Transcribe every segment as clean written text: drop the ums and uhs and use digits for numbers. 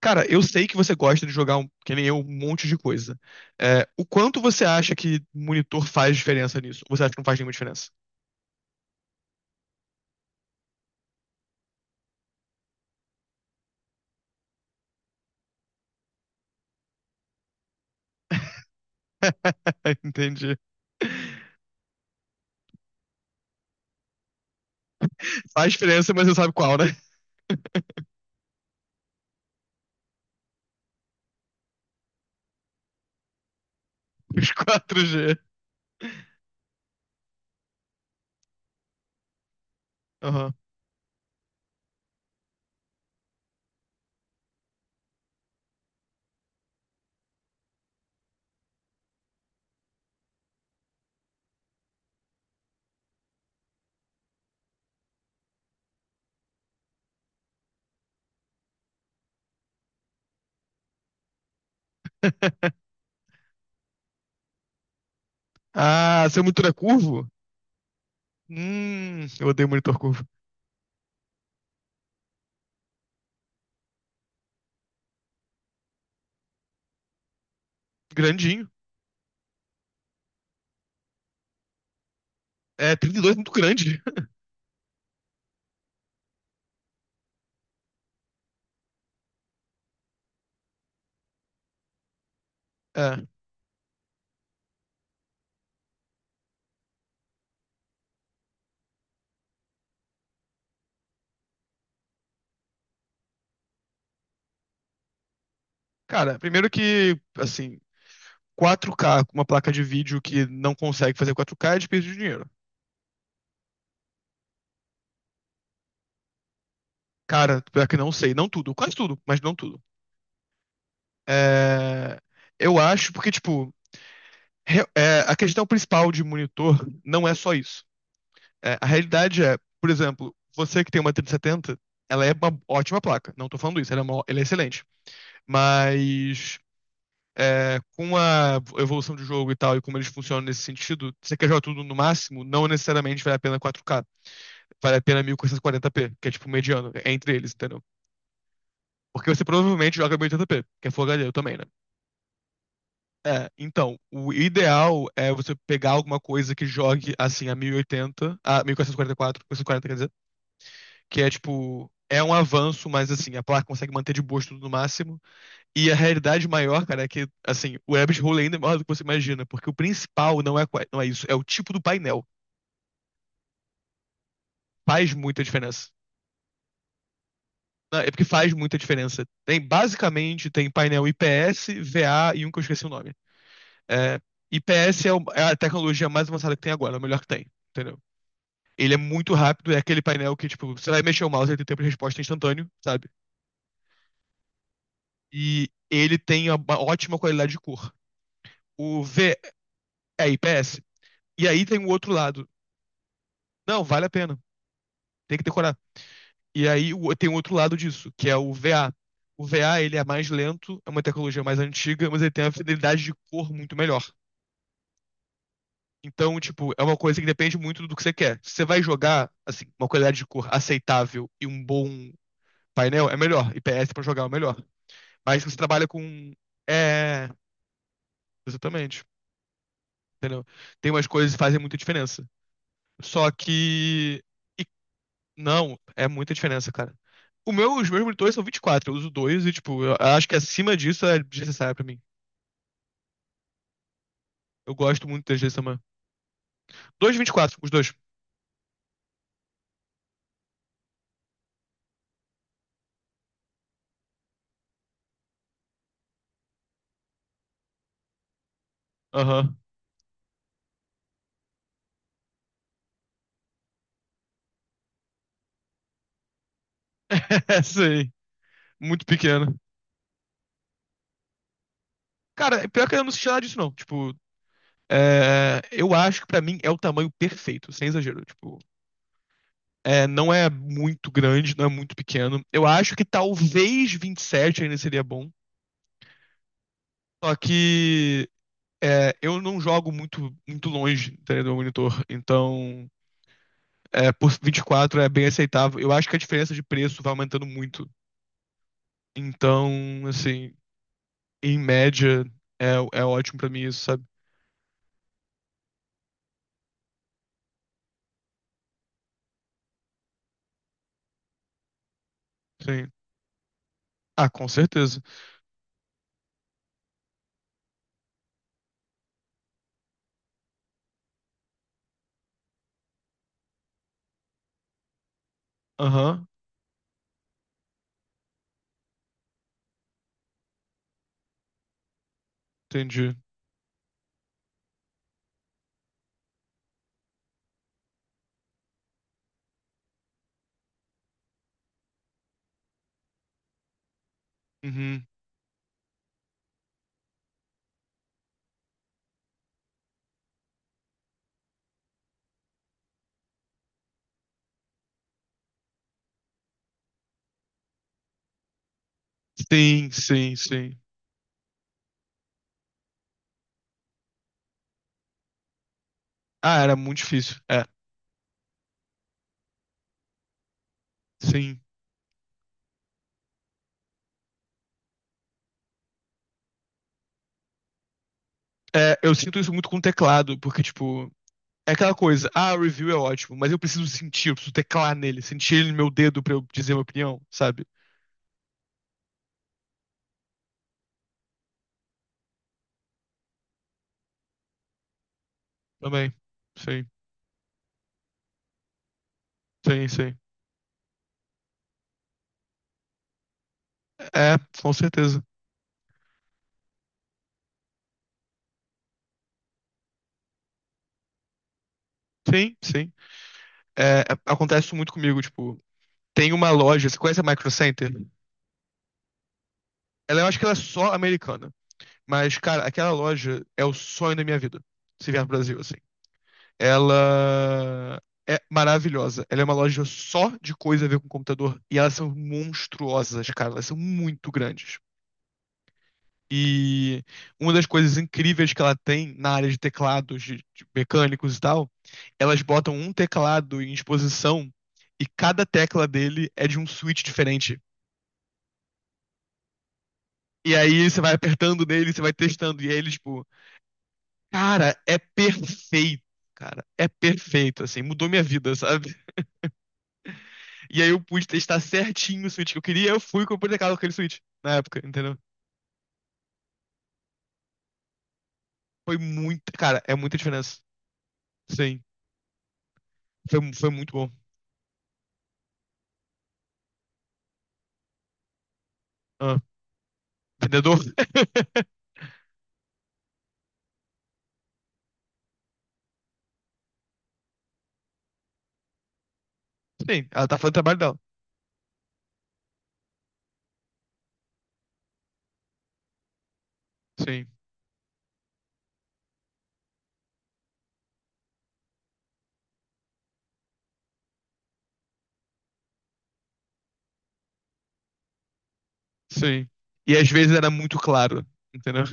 Cara, eu sei que você gosta de jogar, que nem eu, um monte de coisa. O quanto você acha que monitor faz diferença nisso? Ou você acha que não faz nenhuma diferença? Entendi. Faz diferença, mas você sabe qual, né? Os 4G. Aham. Ah, seu monitor é curvo? Eu odeio monitor curvo. Grandinho. É, 32 é muito grande. É. Cara, primeiro que, assim, 4K com uma placa de vídeo que não consegue fazer 4K é desperdício de dinheiro. Cara, pior que não sei. Não tudo, quase tudo, mas não tudo. É, eu acho, porque, tipo, a questão principal de monitor não é só isso. É, a realidade é, por exemplo, você que tem uma 3070, ela é uma ótima placa. Não tô falando isso, ela é excelente. Mas é, com a evolução do jogo e tal, e como eles funcionam nesse sentido, você quer jogar tudo no máximo, não necessariamente vale a pena 4K. Vale a pena 1440p, que é tipo o mediano, é entre eles, entendeu? Porque você provavelmente joga 1080p, que é Full HD, eu também, né? É, então, o ideal é você pegar alguma coisa que jogue assim a 1080, a 1444, 1440, quer dizer, que é tipo, é um avanço, mas assim, a placa consegue manter de boas tudo no máximo. E a realidade maior, cara, é que assim, o rabbit hole ainda é maior do que você imagina, porque o principal não não é isso, é o tipo do painel. Faz muita diferença. Não, é porque faz muita diferença. Tem basicamente tem painel IPS, VA e um que eu esqueci o nome. É, é a tecnologia mais avançada que tem agora, é o melhor que tem. Entendeu? Ele é muito rápido, é aquele painel que, tipo, você vai mexer o mouse, ele tem tempo de resposta instantâneo, sabe? E ele tem uma ótima qualidade de cor. O V é IPS. E aí tem o outro lado. Não, vale a pena. Tem que decorar. E aí tem o outro lado disso, que é o VA. O VA, ele é mais lento, é uma tecnologia mais antiga, mas ele tem uma fidelidade de cor muito melhor. Então, tipo, é uma coisa que depende muito do que você quer. Se você vai jogar, assim, uma qualidade de cor aceitável e um bom painel, é melhor. IPS pra jogar é o melhor. Mas você trabalha com. É, exatamente. Entendeu? Tem umas coisas que fazem muita diferença. Só que. e- não, é muita diferença, cara. Os meus monitores são 24, eu uso dois e, tipo, eu acho que acima disso é desnecessário pra mim. Eu gosto muito das GSM. Dois de 24, os dois. Aham. Sei. Muito pequeno. Cara, é pior que eu não senti nada disso, não. Tipo, é, eu acho que pra mim é o tamanho perfeito, sem exagero. Tipo, é, não é muito grande, não é muito pequeno. Eu acho que talvez 27 ainda seria bom. Só que é, eu não jogo muito longe, entendeu, do meu monitor. Então, é, por 24 é bem aceitável. Eu acho que a diferença de preço vai aumentando muito. Então, assim, em média, é, é ótimo pra mim isso, sabe? Sim. Ah, com certeza. Aham, entendi. Uhum. Sim, sim, sim. Ah, era muito difícil. É, sim. É, eu sinto isso muito com o teclado, porque, tipo, é aquela coisa, ah, o review é ótimo, mas eu preciso sentir, eu preciso teclar nele, sentir ele no meu dedo pra eu dizer minha opinião, sabe? Também. Sim, sim, sim. É, com certeza. Sim, sim. É, acontece isso muito comigo, tipo, tem uma loja, você conhece a Micro Center? Ela, eu acho que ela é só americana, mas, cara, aquela loja é o sonho da minha vida, se vier pro Brasil, assim. Ela é maravilhosa. Ela é uma loja só de coisa a ver com computador. E elas são monstruosas, cara. Elas são muito grandes. E uma das coisas incríveis que ela tem na área de teclados, de mecânicos e tal, elas botam um teclado em exposição e cada tecla dele é de um switch diferente. E aí você vai apertando nele, você vai testando. E aí ele, tipo, cara, é perfeito, cara. É perfeito, assim, mudou minha vida, sabe? E aí eu pude testar certinho o switch que eu queria, eu fui e comprei aquele switch na época, entendeu? Foi muito cara, é muita diferença. Sim, foi muito bom. Ah, vendedor? Sim, ela tá fazendo o trabalho dela. Sim, sim. E às vezes era muito claro, entendeu?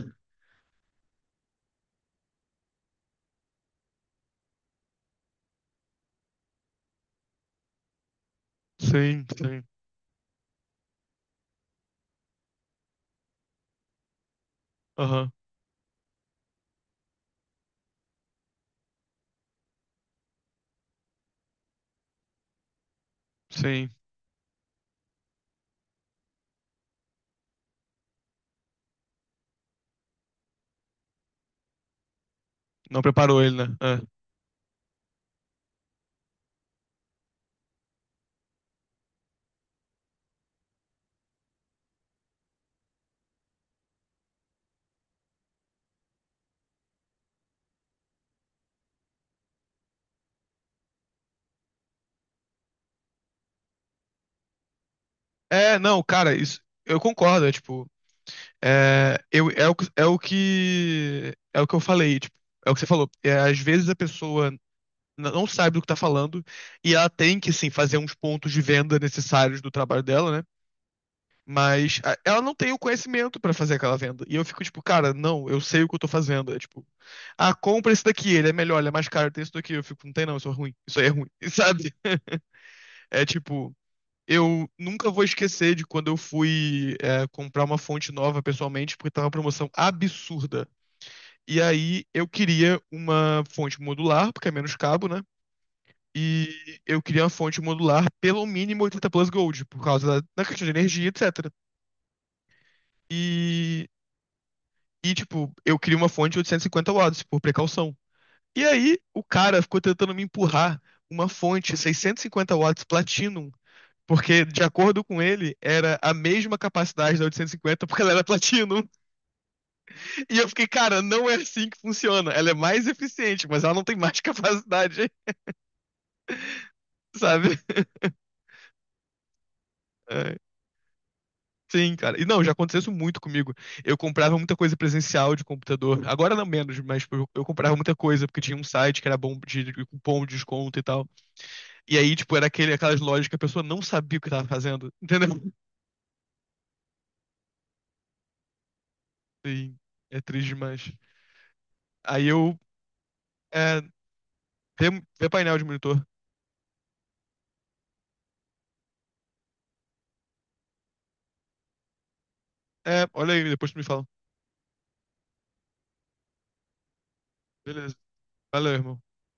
Sim, sim. Aham, sim. Não preparou ele, né? Não, cara, isso eu concordo, é tipo, é, eu, é, o, que- é o que é o que eu falei, tipo, é o que você falou. É, às vezes a pessoa não sabe do que tá falando, e ela tem que, sim, fazer uns pontos de venda necessários do trabalho dela, né? Ela não tem o conhecimento pra fazer aquela venda. E eu fico tipo, cara, não, eu sei o que eu tô fazendo. É tipo, ah, compra esse daqui, ele é melhor, ele é mais caro, tem esse daqui. Eu fico, não tem não, isso é ruim, isso aí é ruim, sabe? É tipo, eu nunca vou esquecer de quando eu fui comprar uma fonte nova pessoalmente, porque tava uma promoção absurda. E aí eu queria uma fonte modular, porque é menos cabo, né? E eu queria uma fonte modular pelo mínimo 80 plus Gold, por causa da questão de energia, etc. E, tipo, eu queria uma fonte de 850 watts, por precaução. E aí, o cara ficou tentando me empurrar uma fonte 650 watts Platinum, porque, de acordo com ele, era a mesma capacidade da 850, porque ela era Platinum. E eu fiquei, cara, não é assim que funciona. Ela é mais eficiente, mas ela não tem mais capacidade, sabe? É. Sim, cara. E não, já aconteceu isso muito comigo. Eu comprava muita coisa presencial de computador. Agora não menos, mas tipo, eu comprava muita coisa porque tinha um site que era bom de cupom de desconto e tal. E aí, tipo, era aquele, aquelas lojas que a pessoa não sabia o que tava fazendo. Entendeu? Sim, é triste demais. Aí eu. É, vê, vê painel de monitor. É, olha aí, depois tu me fala. Beleza. Valeu, irmão.